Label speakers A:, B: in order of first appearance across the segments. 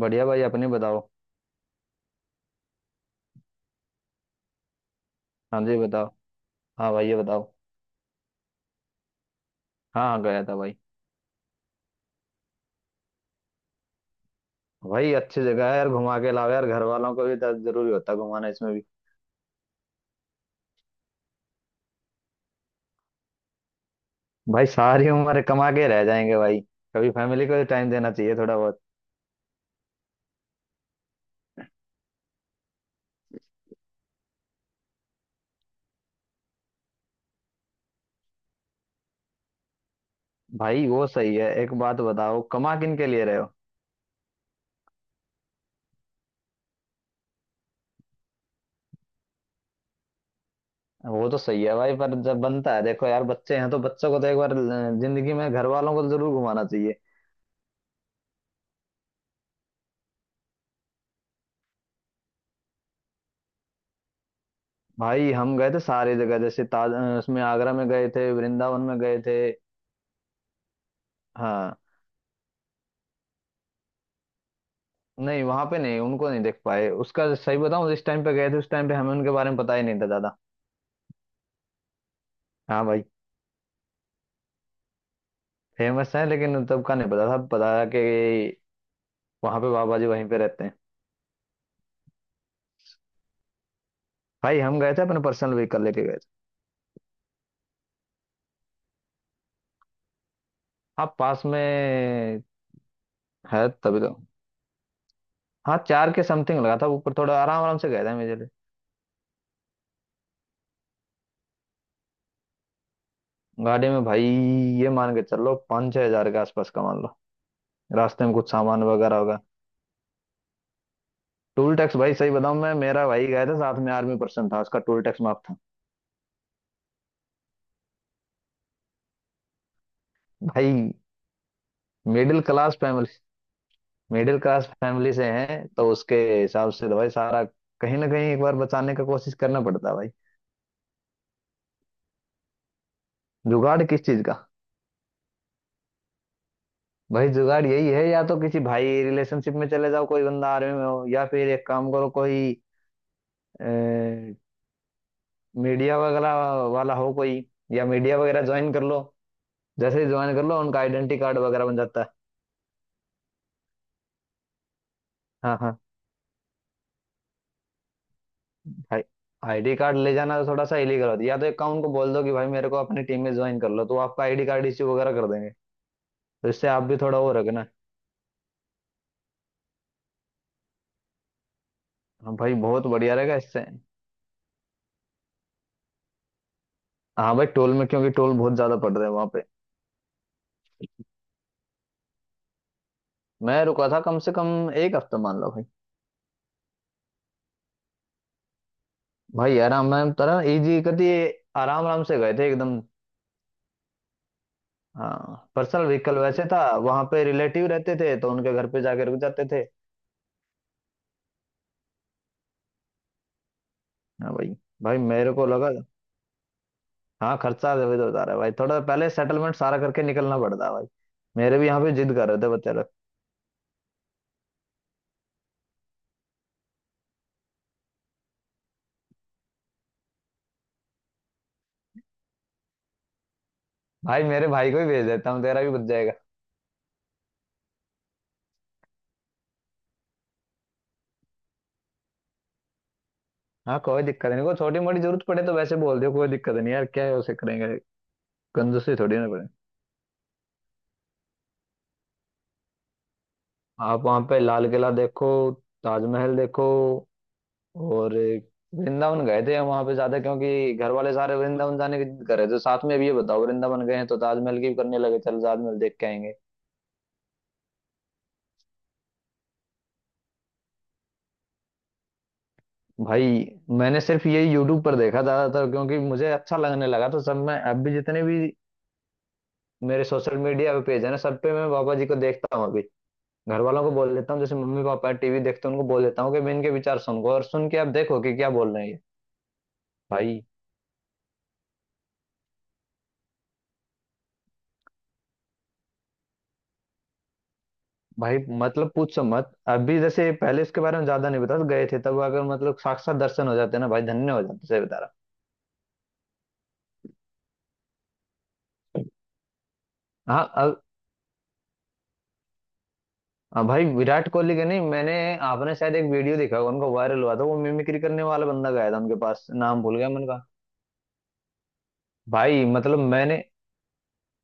A: बढ़िया भाई, अपने बताओ। हाँ जी, बताओ। हाँ भाई, ये बताओ। हाँ हाँ, गया था भाई। भाई, अच्छी जगह है यार, घुमा के लाओ यार। घर वालों को भी दर्द जरूरी होता है घुमाना इसमें भी। भाई सारी उम्र कमा के रह जाएंगे भाई। कभी फैमिली को भी टाइम देना चाहिए थोड़ा बहुत। भाई, वो सही है। एक बात बताओ, कमा किन के लिए रहे हो। वो तो सही है भाई, पर जब बनता है देखो यार, बच्चे हैं तो बच्चों को तो एक बार जिंदगी में घर वालों को तो जरूर घुमाना चाहिए। भाई हम गए थे सारी जगह, जैसे उसमें आगरा में गए थे, वृंदावन में गए थे। हाँ। नहीं, वहां पे नहीं, उनको नहीं देख पाए। उसका सही बताऊं, जिस टाइम पे गए थे उस टाइम पे हमें उनके बारे में पता ही नहीं था ज्यादा। हाँ भाई। फेमस है लेकिन तब का नहीं पता था, पता था कि वहां पे बाबा जी वहीं पे रहते हैं। भाई हम गए थे अपने पर्सनल व्हीकल लेके गए थे। हाँ पास में है, तभी तो। हाँ चार के समथिंग लगा था ऊपर, थोड़ा आराम आराम से गए थे मेरे लिए। गाड़ी में भाई, ये मान के चलो पाँच छह हजार के आसपास का मान लो। रास्ते में कुछ सामान वगैरह होगा। टोल टैक्स भाई सही बताऊं, मैं मेरा भाई गया था साथ में, आर्मी पर्सन था, उसका टोल टैक्स माफ था। भाई, middle class family middle class family से हैं तो उसके हिसाब से तो भाई सारा कहीं ना कहीं एक बार बचाने का कोशिश करना पड़ता है भाई। जुगाड़ किस चीज का। भाई जुगाड़ यही है, या तो किसी भाई रिलेशनशिप में चले जाओ, कोई बंदा आर्मी में हो, या फिर एक काम करो, कोई मीडिया वगैरह वाला हो कोई, या मीडिया वगैरह ज्वाइन कर लो। जैसे ही ज्वाइन कर लो उनका आइडेंटिटी कार्ड वगैरह बन जाता है। हाँ हाँ। भाई आईडी कार्ड ले जाना तो थोड़ा सा इलीगल होता है, या तो एक काम, उनको बोल दो कि भाई मेरे को अपनी टीम में ज्वाइन कर लो, तो वो आपका आईडी कार्ड इश्यू वगैरह कर देंगे, तो इससे आप भी थोड़ा वो रखना। हाँ भाई, बहुत बढ़िया रहेगा इससे। हाँ भाई, टोल में क्योंकि टोल बहुत ज्यादा पड़ रहे हैं वहां पे। मैं रुका था कम से कम एक हफ्ता मान लो भाई। भाई आराम आराम तरह इजी कर दिए, आराम आराम से गए थे एकदम। हाँ पर्सनल व्हीकल वैसे था। वहां पे रिलेटिव रहते थे तो उनके घर पे जाके रुक जाते थे। हाँ भाई। भाई मेरे को लगा, हाँ खर्चा इधर उधर होता रहा है भाई, थोड़ा पहले सेटलमेंट सारा करके निकलना पड़ता है भाई। मेरे भी यहाँ पे जिद कर रहे थे बच्चे लोग। भाई मेरे भाई को ही भेज देता हूँ, तेरा भी बच जाएगा। हाँ कोई दिक्कत नहीं, कोई छोटी मोटी जरूरत पड़े तो वैसे बोल दियो, कोई दिक्कत नहीं यार, क्या है उसे करेंगे। कंजूसी थोड़ी ना पड़े। आप वहाँ पे लाल किला देखो, ताजमहल देखो, और वृंदावन गए थे हम वहाँ पे ज्यादा क्योंकि घर वाले सारे वृंदावन जाने की जिद कर रहे थे साथ में। अब ये बताओ, वृंदावन गए हैं तो ताजमहल की भी करने लगे, चल ताजमहल देख के आएंगे। भाई मैंने सिर्फ ये यूट्यूब पर देखा ज्यादातर, क्योंकि मुझे अच्छा लगने लगा तो सब मैं अब भी जितने भी मेरे सोशल मीडिया पे पेज है ना, सब पे मैं बाबा जी को देखता हूँ अभी। घर वालों को बोल देता हूँ, जैसे मम्मी पापा टीवी देखते हैं, उनको बोल देता हूँ कि मैं इनके विचार सुनूंगा, और सुन के आप देखो कि क्या बोल रहे हैं ये। भाई, भाई मतलब पूछो मत। अभी जैसे पहले इसके बारे में ज्यादा नहीं बता गए थे, तब अगर मतलब साक्षात दर्शन हो जाते ना भाई, धन्य हो जाते, सही बता रहा। हाँ अब। हाँ भाई विराट कोहली के नहीं, मैंने आपने शायद एक वीडियो देखा होगा उनका, वायरल हुआ था वो, मिमिक्री करने वाला बंदा गया था उनके पास, नाम भूल गया मैंने, कहा भाई मतलब मैंने,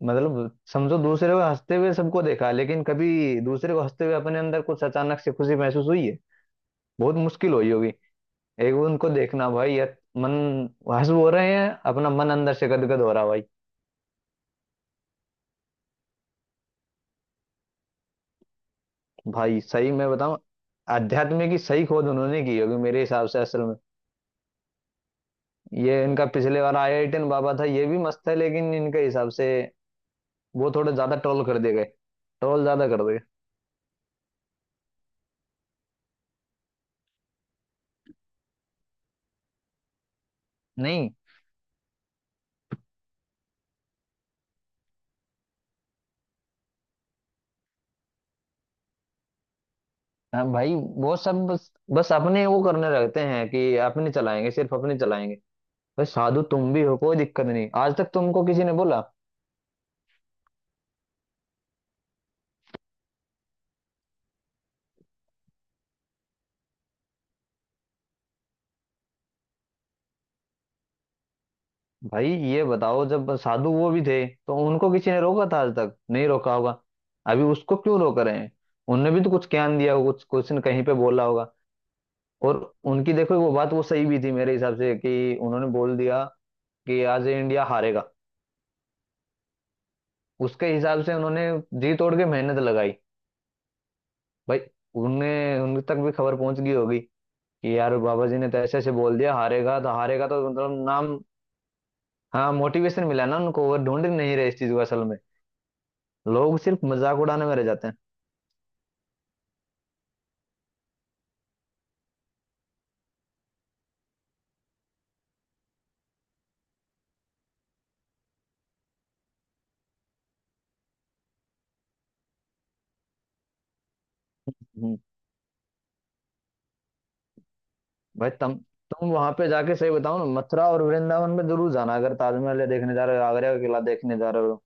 A: मतलब समझो, दूसरे को हंसते हुए सबको देखा, लेकिन कभी दूसरे को हंसते हुए अपने अंदर कुछ अचानक से खुशी महसूस हुई है। बहुत मुश्किल हुई होगी। एक बार उनको देखना भाई, मन हंस हो रहे हैं, अपना मन अंदर से गदगद हो रहा भाई। भाई सही मैं बताऊं, अध्यात्म की सही खोज उन्होंने की होगी मेरे हिसाब से असल में। ये इनका पिछले बार आईआईटियन बाबा था, ये भी मस्त है लेकिन इनके हिसाब से वो थोड़े ज्यादा ट्रोल कर दिए गए। ट्रोल ज्यादा कर दिए। नहीं। हाँ भाई, वो सब बस बस अपने वो करने रहते हैं कि अपने चलाएंगे, सिर्फ अपने चलाएंगे। भाई साधु तुम भी हो, कोई दिक्कत नहीं, आज तक तुमको किसी ने बोला। भाई ये बताओ, जब साधु वो भी थे तो उनको किसी ने रोका था, आज तक नहीं रोका होगा। अभी उसको क्यों रोक रहे हैं। उनने भी तो कुछ ज्ञान दिया होगा, कुछ क्वेश्चन कहीं पे बोला होगा, और उनकी देखो वो बात वो सही भी थी मेरे हिसाब से कि उन्होंने बोल दिया कि आज ये इंडिया हारेगा। उसके हिसाब से उन्होंने जी तोड़ के मेहनत लगाई भाई। उन्हें उन तक भी खबर पहुंच गई होगी कि यार बाबा जी ने तो ऐसे ऐसे बोल दिया, हारेगा तो हारेगा, तो मतलब नाम। हाँ मोटिवेशन मिला ना उनको, वो ढूंढ नहीं रहे इस चीज को असल में। लोग सिर्फ मजाक उड़ाने में रह जाते हैं। हम्म। भाई तुम वहां पे जाके सही बताओ ना, मथुरा और वृंदावन में जरूर जाना, अगर ताजमहल देखने जा रहे हो, आगरा का किला देखने जा रहे हो।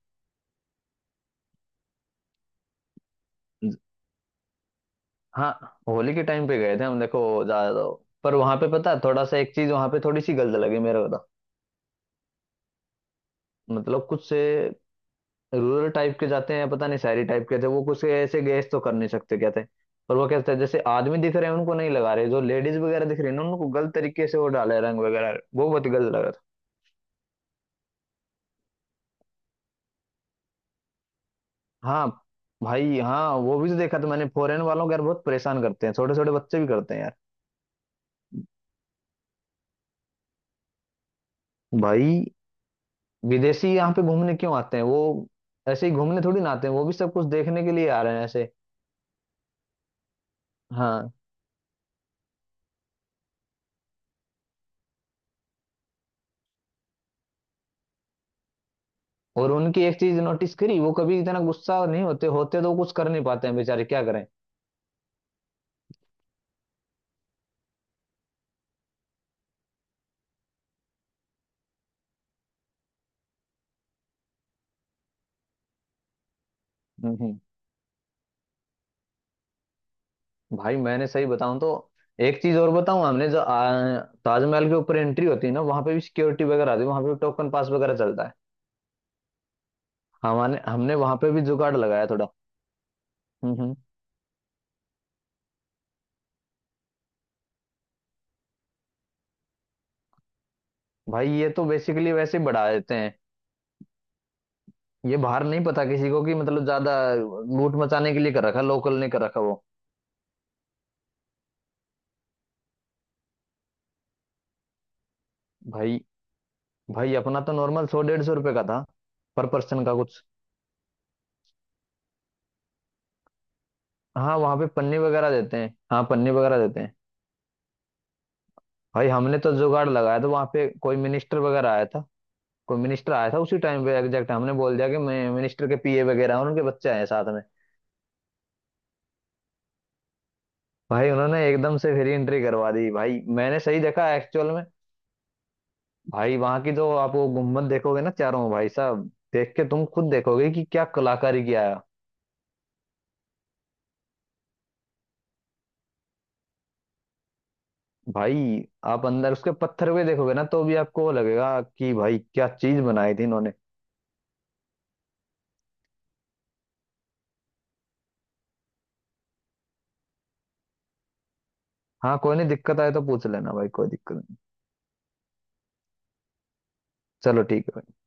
A: हाँ होली के टाइम पे गए थे हम, देखो ज्यादा तो। पर वहां पे पता है थोड़ा सा, एक चीज वहां पे थोड़ी सी गलत लगी मेरे को तो। मतलब कुछ से रूरल टाइप के जाते हैं, पता नहीं शहरी टाइप के थे, वो कुछ से ऐसे गैस तो कर नहीं सकते क्या थे, पर वो कहते हैं जैसे आदमी दिख रहे हैं उनको नहीं लगा रहे, जो लेडीज वगैरह दिख रही है ना उनको गलत तरीके से वो डाले रंग वगैरह, वो बहुत गलत लगा। हाँ भाई, हाँ वो भी तो देखा तो मैंने फॉरेन वालों को, यार बहुत परेशान करते हैं, छोटे छोटे बच्चे भी करते हैं यार। भाई विदेशी यहाँ पे घूमने क्यों आते हैं, वो ऐसे ही घूमने थोड़ी ना आते हैं, वो भी सब कुछ देखने के लिए आ रहे हैं ऐसे। हाँ। और उनकी एक चीज नोटिस करी, वो कभी इतना गुस्सा नहीं होते, होते तो वो कुछ कर नहीं पाते हैं बेचारे, क्या करें। हम्म हम्म। भाई मैंने सही बताऊं तो एक चीज और बताऊं, हमने जो ताजमहल के ऊपर एंट्री होती है ना, वहां पे भी सिक्योरिटी वगैरह आती है, वहां पे भी टोकन पास वगैरह चलता है। हमारे हमने वहां पे भी जुगाड़ लगाया थोड़ा। हम्म हम्म। भाई ये तो बेसिकली वैसे ही बढ़ा देते हैं, ये बाहर नहीं पता किसी को कि मतलब ज्यादा लूट मचाने के लिए कर रखा, लोकल ने कर रखा वो। भाई, भाई अपना तो नॉर्मल सौ डेढ़ सौ रुपए का था पर पर्सन का कुछ। हाँ वहाँ पे पन्नी वगैरह देते हैं, हाँ पन्नी वगैरह देते हैं। भाई हमने तो जुगाड़ लगाया था, वहाँ पे कोई मिनिस्टर वगैरह आया था, कोई मिनिस्टर आया था उसी टाइम पे एग्जैक्ट, हमने बोल दिया कि मैं मिनिस्टर के पीए वगैरह हैं और उनके बच्चे आए हैं साथ में। भाई उन्होंने एकदम से फ्री एंट्री करवा दी भाई, मैंने सही देखा एक्चुअल में। भाई वहां की तो आप वो गुम्बद देखोगे ना चारों, भाई साहब, देख के तुम खुद देखोगे कि क्या कलाकारी किया है। भाई आप अंदर उसके पत्थर भी देखोगे ना तो भी आपको वो लगेगा कि भाई क्या चीज बनाई थी इन्होंने। हाँ कोई नहीं, दिक्कत आए तो पूछ लेना भाई, कोई दिक्कत नहीं। चलो ठीक है भाई।